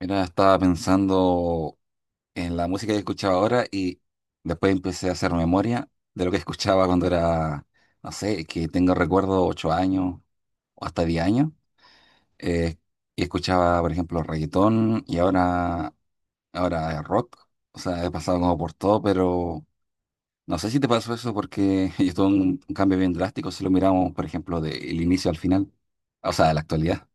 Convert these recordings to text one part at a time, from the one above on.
Mira, estaba pensando en la música que escuchaba ahora y después empecé a hacer memoria de lo que escuchaba cuando era, no sé, que tengo recuerdo 8 años o hasta 10 años. eh, y escuchaba, por ejemplo, reggaetón y ahora rock. O sea, he pasado como por todo, pero no sé si te pasó eso porque yo tuve un cambio bien drástico si lo miramos, por ejemplo, del inicio al final, o sea, de la actualidad.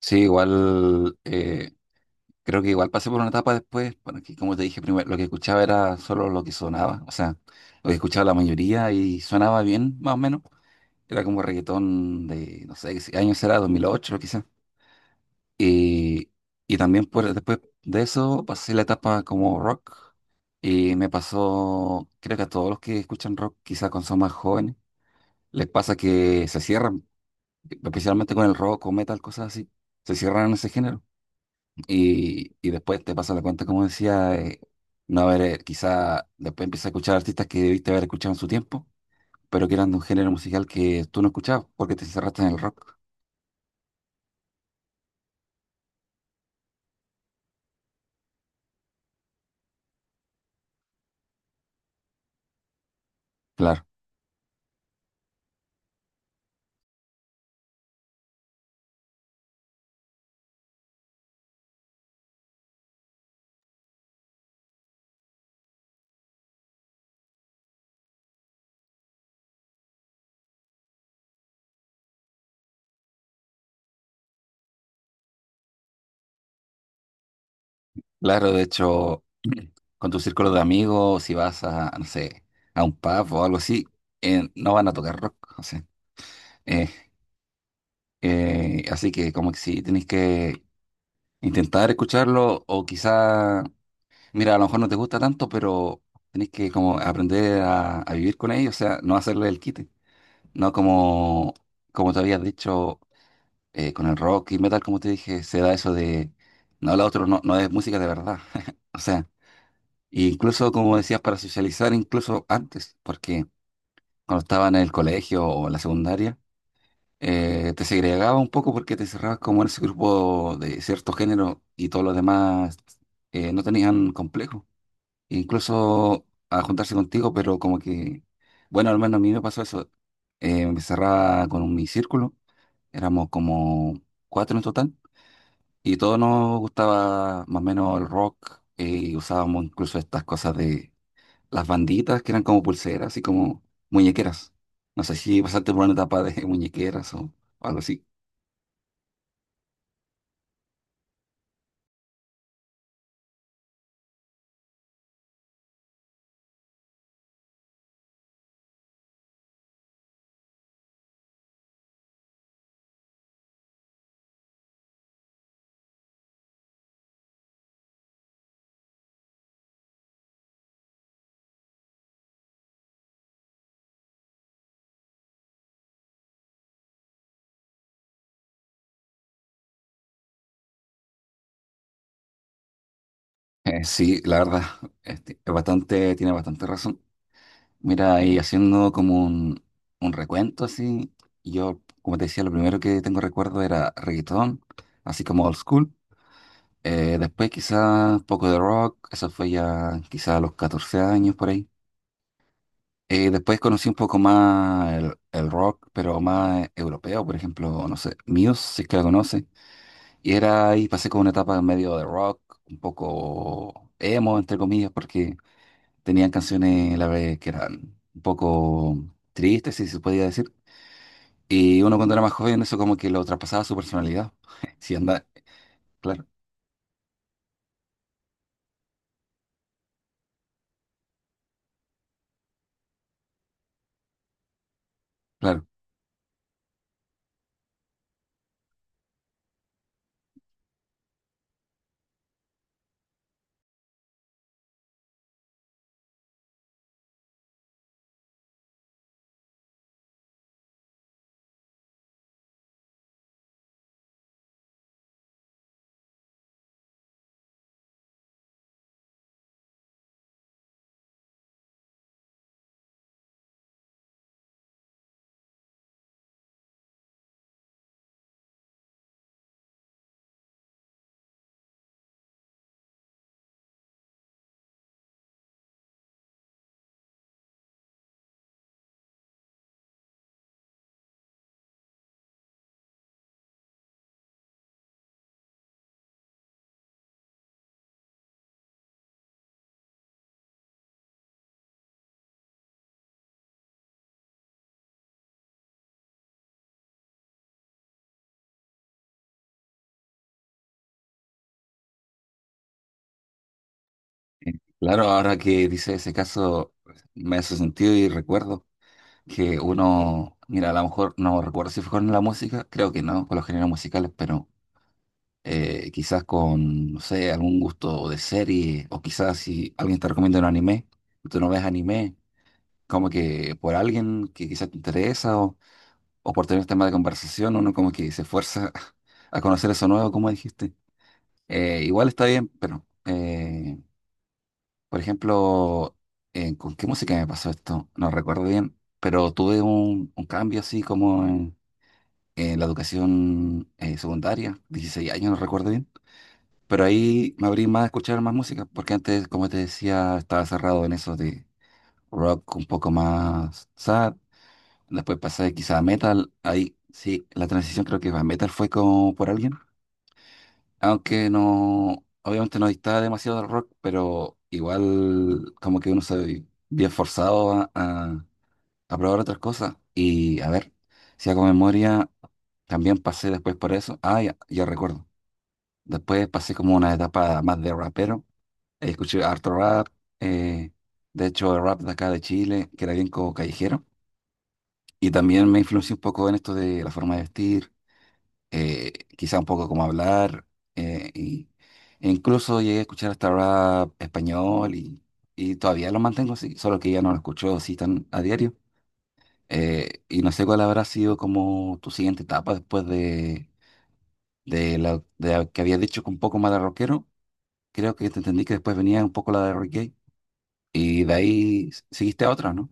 Sí, igual. Creo que igual pasé por una etapa después, bueno, que como te dije primero, lo que escuchaba era solo lo que sonaba, o sea, lo que escuchaba la mayoría y sonaba bien, más o menos. Era como reggaetón de, no sé, qué años era, 2008 quizás. Y, y también por, después de eso pasé la etapa como rock y me pasó, creo que a todos los que escuchan rock, quizás cuando son más jóvenes, les pasa que se cierran, especialmente con el rock o metal, cosas así, se cierran en ese género. Y después te pasa la cuenta, como decía, no haber, quizá después empiezas a escuchar artistas que debiste haber escuchado en su tiempo, pero que eran de un género musical que tú no escuchabas porque te encerraste en el rock. Claro, claro, de hecho, con tu círculo de amigos, si vas a, no sé, a un pub o algo así, no van a tocar rock, o sea, eh, así que como que sí, tenés que intentar escucharlo o quizá. Mira, a lo mejor no te gusta tanto, pero tenés que como aprender a vivir con ellos, o sea, no hacerle el quite. No como, como te habías dicho, con el rock y metal, como te dije, se da eso de, no, la otro no, no es música de verdad. O sea, incluso como decías, para socializar, incluso antes, porque cuando estaba en el colegio o en la secundaria, te segregaba un poco porque te cerrabas como en ese grupo de cierto género y todos los demás no tenían complejo. Incluso a juntarse contigo, pero como que, bueno, al menos a mí me pasó eso. Me cerraba con mi círculo, éramos como cuatro en total, y todos nos gustaba más o menos el rock, y usábamos incluso estas cosas de las banditas que eran como pulseras, así como muñequeras. No sé si pasaste por una etapa de muñequeras o algo así. Sí, la verdad, este, es bastante, tiene bastante razón. Mira, y haciendo como un recuento así, yo, como te decía, lo primero que tengo recuerdo era reggaetón, así como old school. Después quizás un poco de rock, eso fue ya quizás a los 14 años por ahí. Después conocí un poco más el rock, pero más europeo, por ejemplo, no sé, Muse, si es que la conoce. Y era ahí, pasé como una etapa en medio de rock, un poco emo, entre comillas, porque tenían canciones la vez que eran un poco tristes, si se podía decir. Y uno cuando era más joven, eso como que lo traspasaba a su personalidad. Si anda, claro, claro. Eh, Claro, ahora que dice ese caso, me hace sentido y recuerdo que uno, mira, a lo mejor no recuerdo si fue con la música, creo que no, con los géneros musicales, pero quizás con, no sé, algún gusto de serie, o quizás si alguien te recomienda un anime, y tú no ves anime, como que por alguien que quizás te interesa o por tener tema de conversación, uno como que se fuerza a conocer eso nuevo, como dijiste. Igual está bien, pero, por ejemplo, ¿con qué música me pasó esto? No recuerdo bien, pero tuve un cambio así como en la educación secundaria, 16 años, no recuerdo bien. Pero ahí me abrí más a escuchar más música, porque antes, como te decía, estaba cerrado en eso de rock un poco más sad. Después pasé quizá a metal, ahí sí, la transición creo que a metal fue como por alguien, aunque no, obviamente no distaba demasiado del rock, pero igual como que uno se ve bien forzado a, a probar otras cosas. Y a ver, si hago memoria, también pasé después por eso, ah, ya, ya recuerdo, después pasé como una etapa más de rapero. Escuché harto rap, eh, de hecho el rap de acá de Chile, que era bien como callejero, y también me influenció un poco en esto de la forma de vestir, quizá un poco cómo hablar, eh, y, e incluso llegué a escuchar hasta rap español, y todavía lo mantengo así, solo que ya no lo escucho así tan a diario. Y no sé cuál habrá sido como tu siguiente etapa después de la de que habías dicho que un poco más de rockero. Creo que te entendí que después venía un poco la de reggae y de ahí seguiste a otra, ¿no?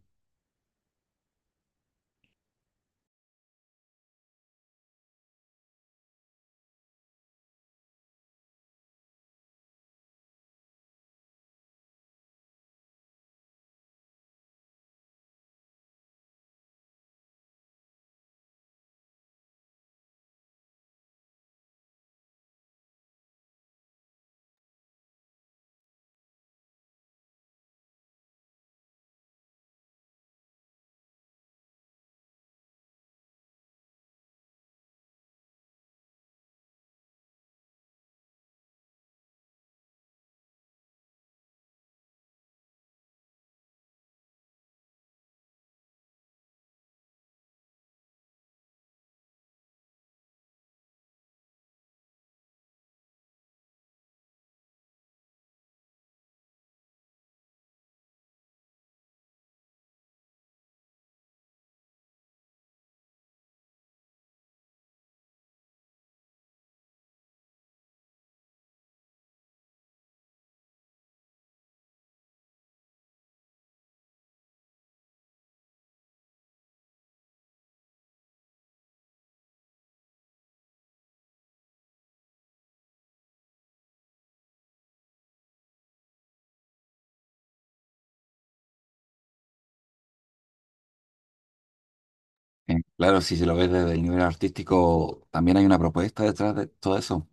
Claro, si se lo ves desde el nivel artístico, también hay una propuesta detrás de todo eso.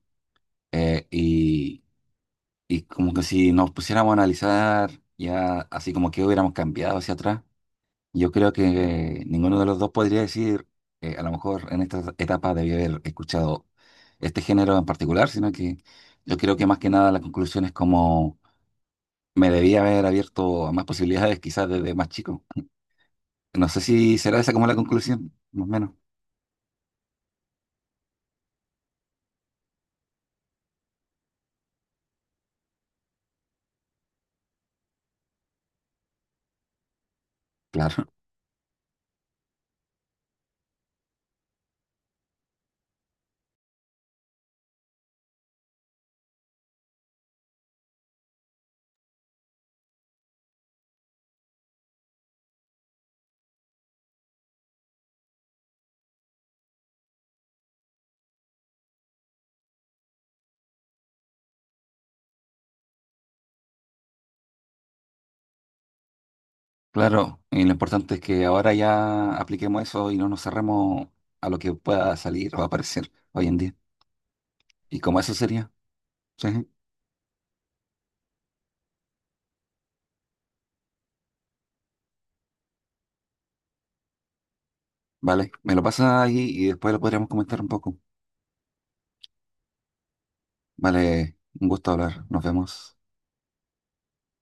Eh, y, Y como que si nos pusiéramos a analizar ya así como que hubiéramos cambiado hacia atrás, yo creo que ninguno de los dos podría decir, a lo mejor en esta etapa debí haber escuchado este género en particular, sino que yo creo que más que nada la conclusión es como me debía haber abierto a más posibilidades quizás desde más chico. No sé si será esa como la conclusión, más o menos. Claro, claro. Y lo importante es que ahora ya apliquemos eso y no nos cerremos a lo que pueda salir o aparecer hoy en día. Y como eso sería. Sí, vale. Me lo pasas ahí y después lo podríamos comentar un poco. Vale, un gusto hablar. Nos vemos.